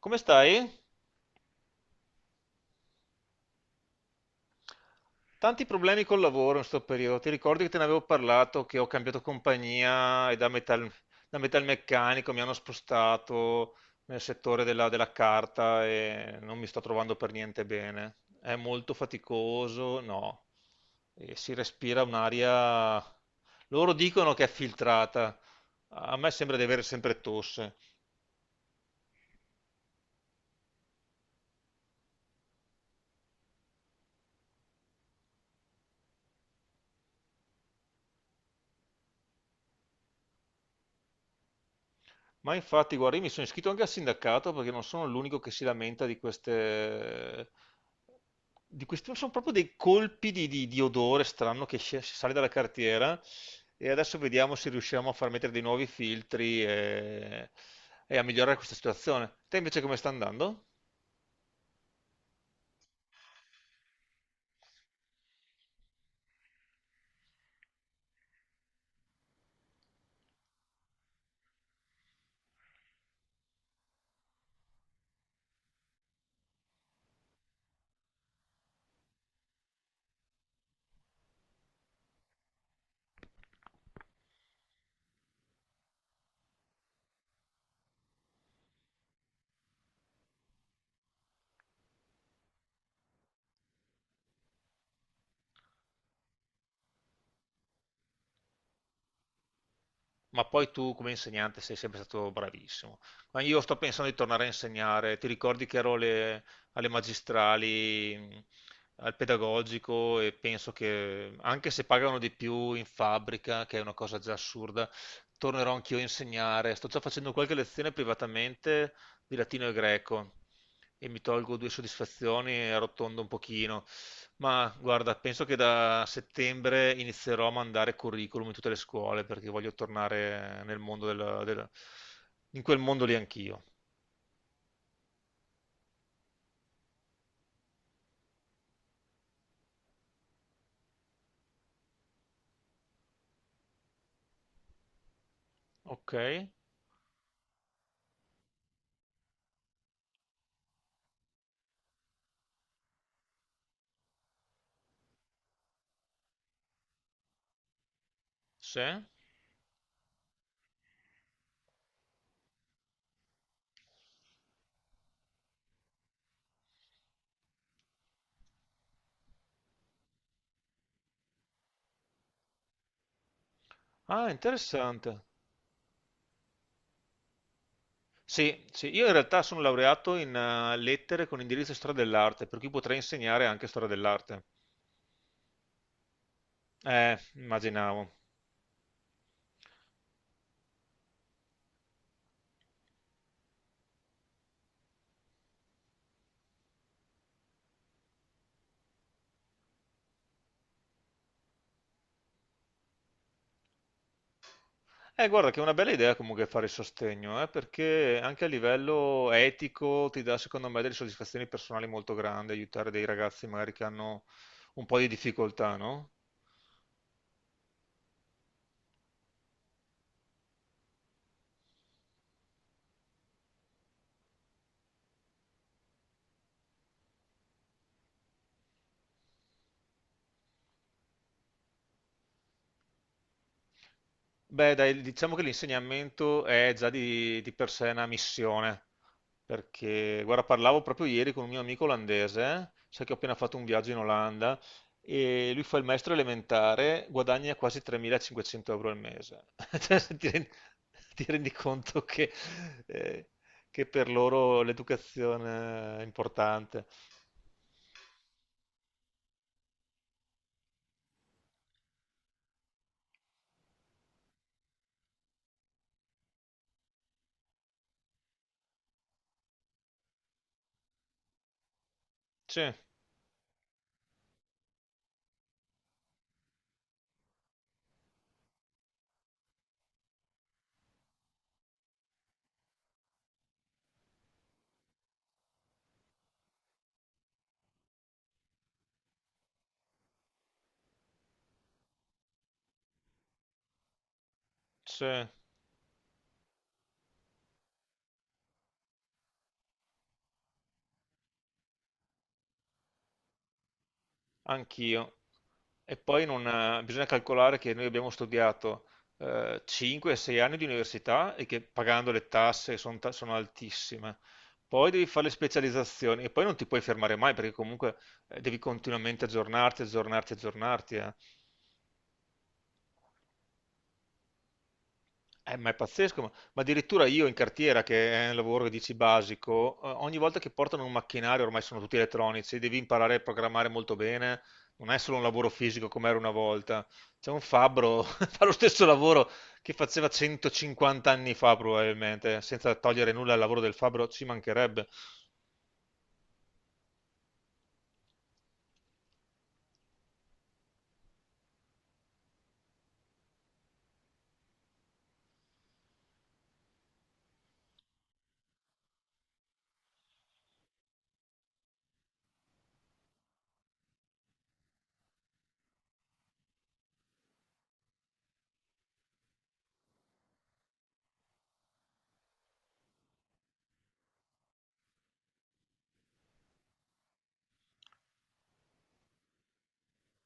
Come stai? Tanti problemi col lavoro in questo periodo. Ti ricordi che te ne avevo parlato, che ho cambiato compagnia e da metalmeccanico mi hanno spostato nel settore della carta e non mi sto trovando per niente bene. È molto faticoso, no. E si respira un'aria. Loro dicono che è filtrata. A me sembra di avere sempre tosse. Ma infatti, guarda, io mi sono iscritto anche al sindacato perché non sono l'unico che si lamenta di queste... di questi... Sono proprio dei colpi di odore strano che sale dalla cartiera e adesso vediamo se riusciamo a far mettere dei nuovi filtri e a migliorare questa situazione. Te invece come sta andando? Ma poi tu come insegnante sei sempre stato bravissimo. Ma io sto pensando di tornare a insegnare. Ti ricordi che ero alle magistrali, al pedagogico, e penso che anche se pagano di più in fabbrica, che è una cosa già assurda, tornerò anch'io a insegnare. Sto già facendo qualche lezione privatamente di latino e greco e mi tolgo due soddisfazioni e arrotondo un pochino. Ma guarda, penso che da settembre inizierò a mandare curriculum in tutte le scuole perché voglio tornare nel mondo in quel mondo lì anch'io. Ok? Sì. Ah, interessante. Sì, sì, io in realtà sono laureato in lettere con indirizzo storia dell'arte, per cui potrei insegnare anche storia dell'arte. Immaginavo. Guarda che è una bella idea comunque fare il sostegno, perché anche a livello etico ti dà secondo me delle soddisfazioni personali molto grandi, aiutare dei ragazzi magari che hanno un po' di difficoltà, no? Beh, dai, diciamo che l'insegnamento è già di per sé una missione, perché, guarda, parlavo proprio ieri con un mio amico olandese, sai che ho appena fatto un viaggio in Olanda, e lui fa il maestro elementare, guadagna quasi 3.500 euro al mese. Cioè, se ti rendi, ti rendi conto eh, che per loro l'educazione è importante. Sì, sì. Anch'io. E poi non, bisogna calcolare che noi abbiamo studiato 5-6 anni di università e che pagando le tasse sono altissime. Poi devi fare le specializzazioni e poi non ti puoi fermare mai perché comunque devi continuamente aggiornarti, aggiornarti, aggiornarti. Eh. Ma è pazzesco, ma addirittura io in cartiera, che è un lavoro che dici basico, ogni volta che portano un macchinario, ormai sono tutti elettronici, devi imparare a programmare molto bene, non è solo un lavoro fisico come era una volta. C'è un fabbro, fa lo stesso lavoro che faceva 150 anni fa probabilmente, senza togliere nulla al lavoro del fabbro, ci mancherebbe.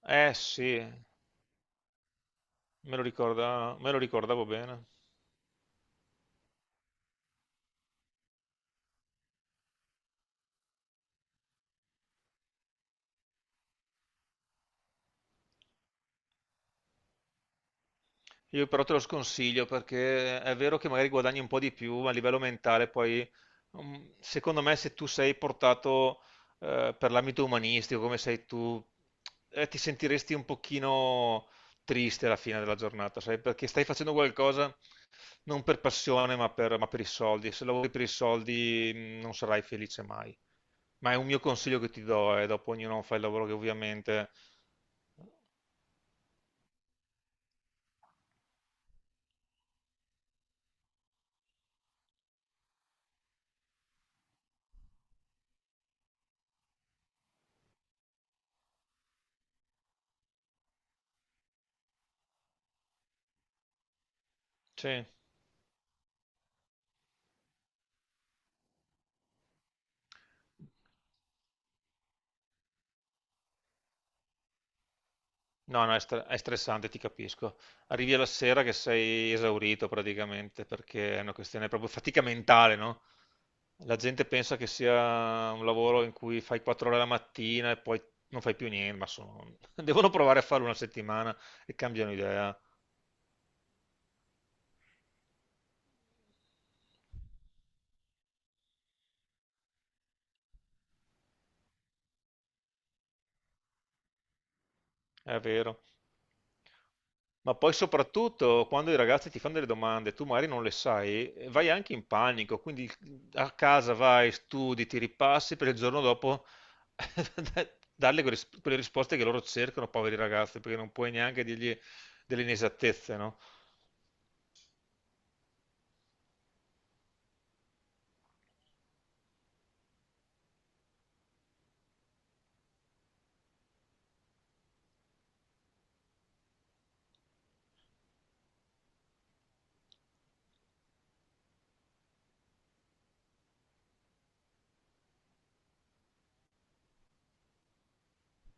Eh sì, me lo ricordavo bene. Io però te lo sconsiglio perché è vero che magari guadagni un po' di più, ma a livello mentale poi, secondo me, se tu sei portato per l'ambito umanistico, come sei tu, ti sentiresti un pochino triste alla fine della giornata, sai? Perché stai facendo qualcosa non per passione, ma per i soldi. Se lavori per i soldi, non sarai felice mai. Ma è un mio consiglio che ti do, e dopo ognuno fa il lavoro che ovviamente... Sì. No, no, è stressante, ti capisco. Arrivi alla sera che sei esaurito praticamente, perché è una questione proprio fatica mentale, no? La gente pensa che sia un lavoro in cui fai 4 ore la mattina e poi non fai più niente, devono provare a farlo una settimana e cambiano idea. È vero. Ma poi soprattutto quando i ragazzi ti fanno delle domande, tu magari non le sai, vai anche in panico, quindi a casa vai, studi, ti ripassi per il giorno dopo darle quelle risposte che loro cercano, poveri ragazzi, perché non puoi neanche dirgli delle inesattezze, no?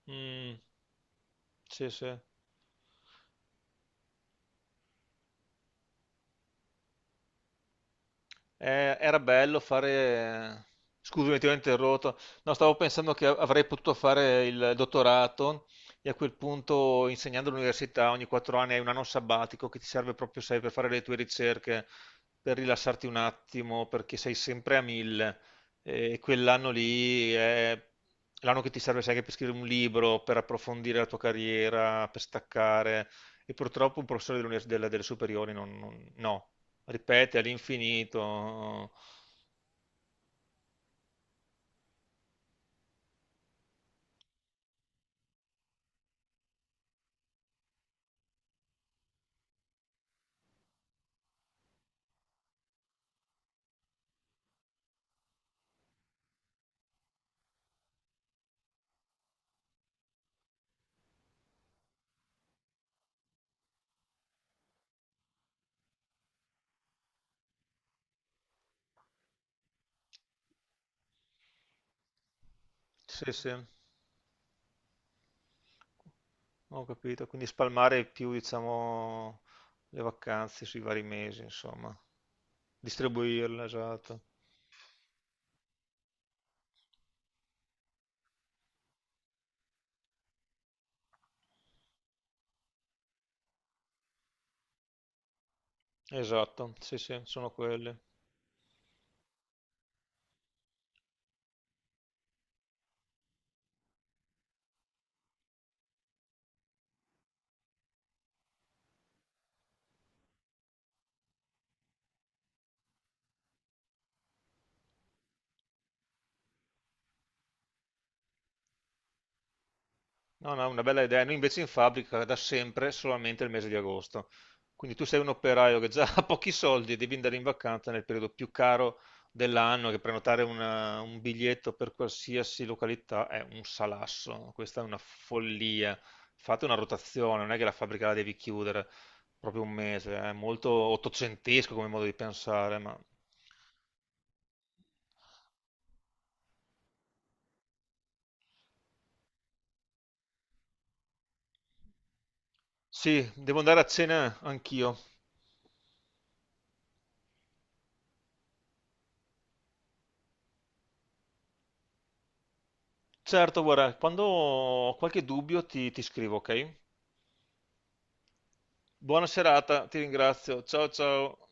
Mm, sì, sì. Era bello fare. Scusami, ti ho interrotto. No, stavo pensando che avrei potuto fare il dottorato e a quel punto, insegnando all'università, ogni 4 anni hai un anno sabbatico che ti serve proprio, sai, per fare le tue ricerche, per rilassarti un attimo, perché sei sempre a mille. E quell'anno lì è l'anno che ti serve, sai, anche per scrivere un libro, per approfondire la tua carriera, per staccare. E purtroppo un professore delle superiori no, ripete all'infinito. Sì, sì, ho capito. Quindi spalmare più, diciamo, le vacanze sui vari mesi, insomma. Distribuirle, esatto. Esatto, sì, sì, sono quelle. No, no, una bella idea. Noi invece in fabbrica da sempre solamente il mese di agosto. Quindi tu sei un operaio che già ha pochi soldi e devi andare in vacanza nel periodo più caro dell'anno, che prenotare un biglietto per qualsiasi località è un salasso. Questa è una follia. Fate una rotazione, non è che la fabbrica la devi chiudere proprio un mese, è molto ottocentesco come modo di pensare, ma sì, devo andare a cena anch'io. Certo, guarda, quando ho qualche dubbio ti scrivo, ok? Buona serata, ti ringrazio. Ciao ciao.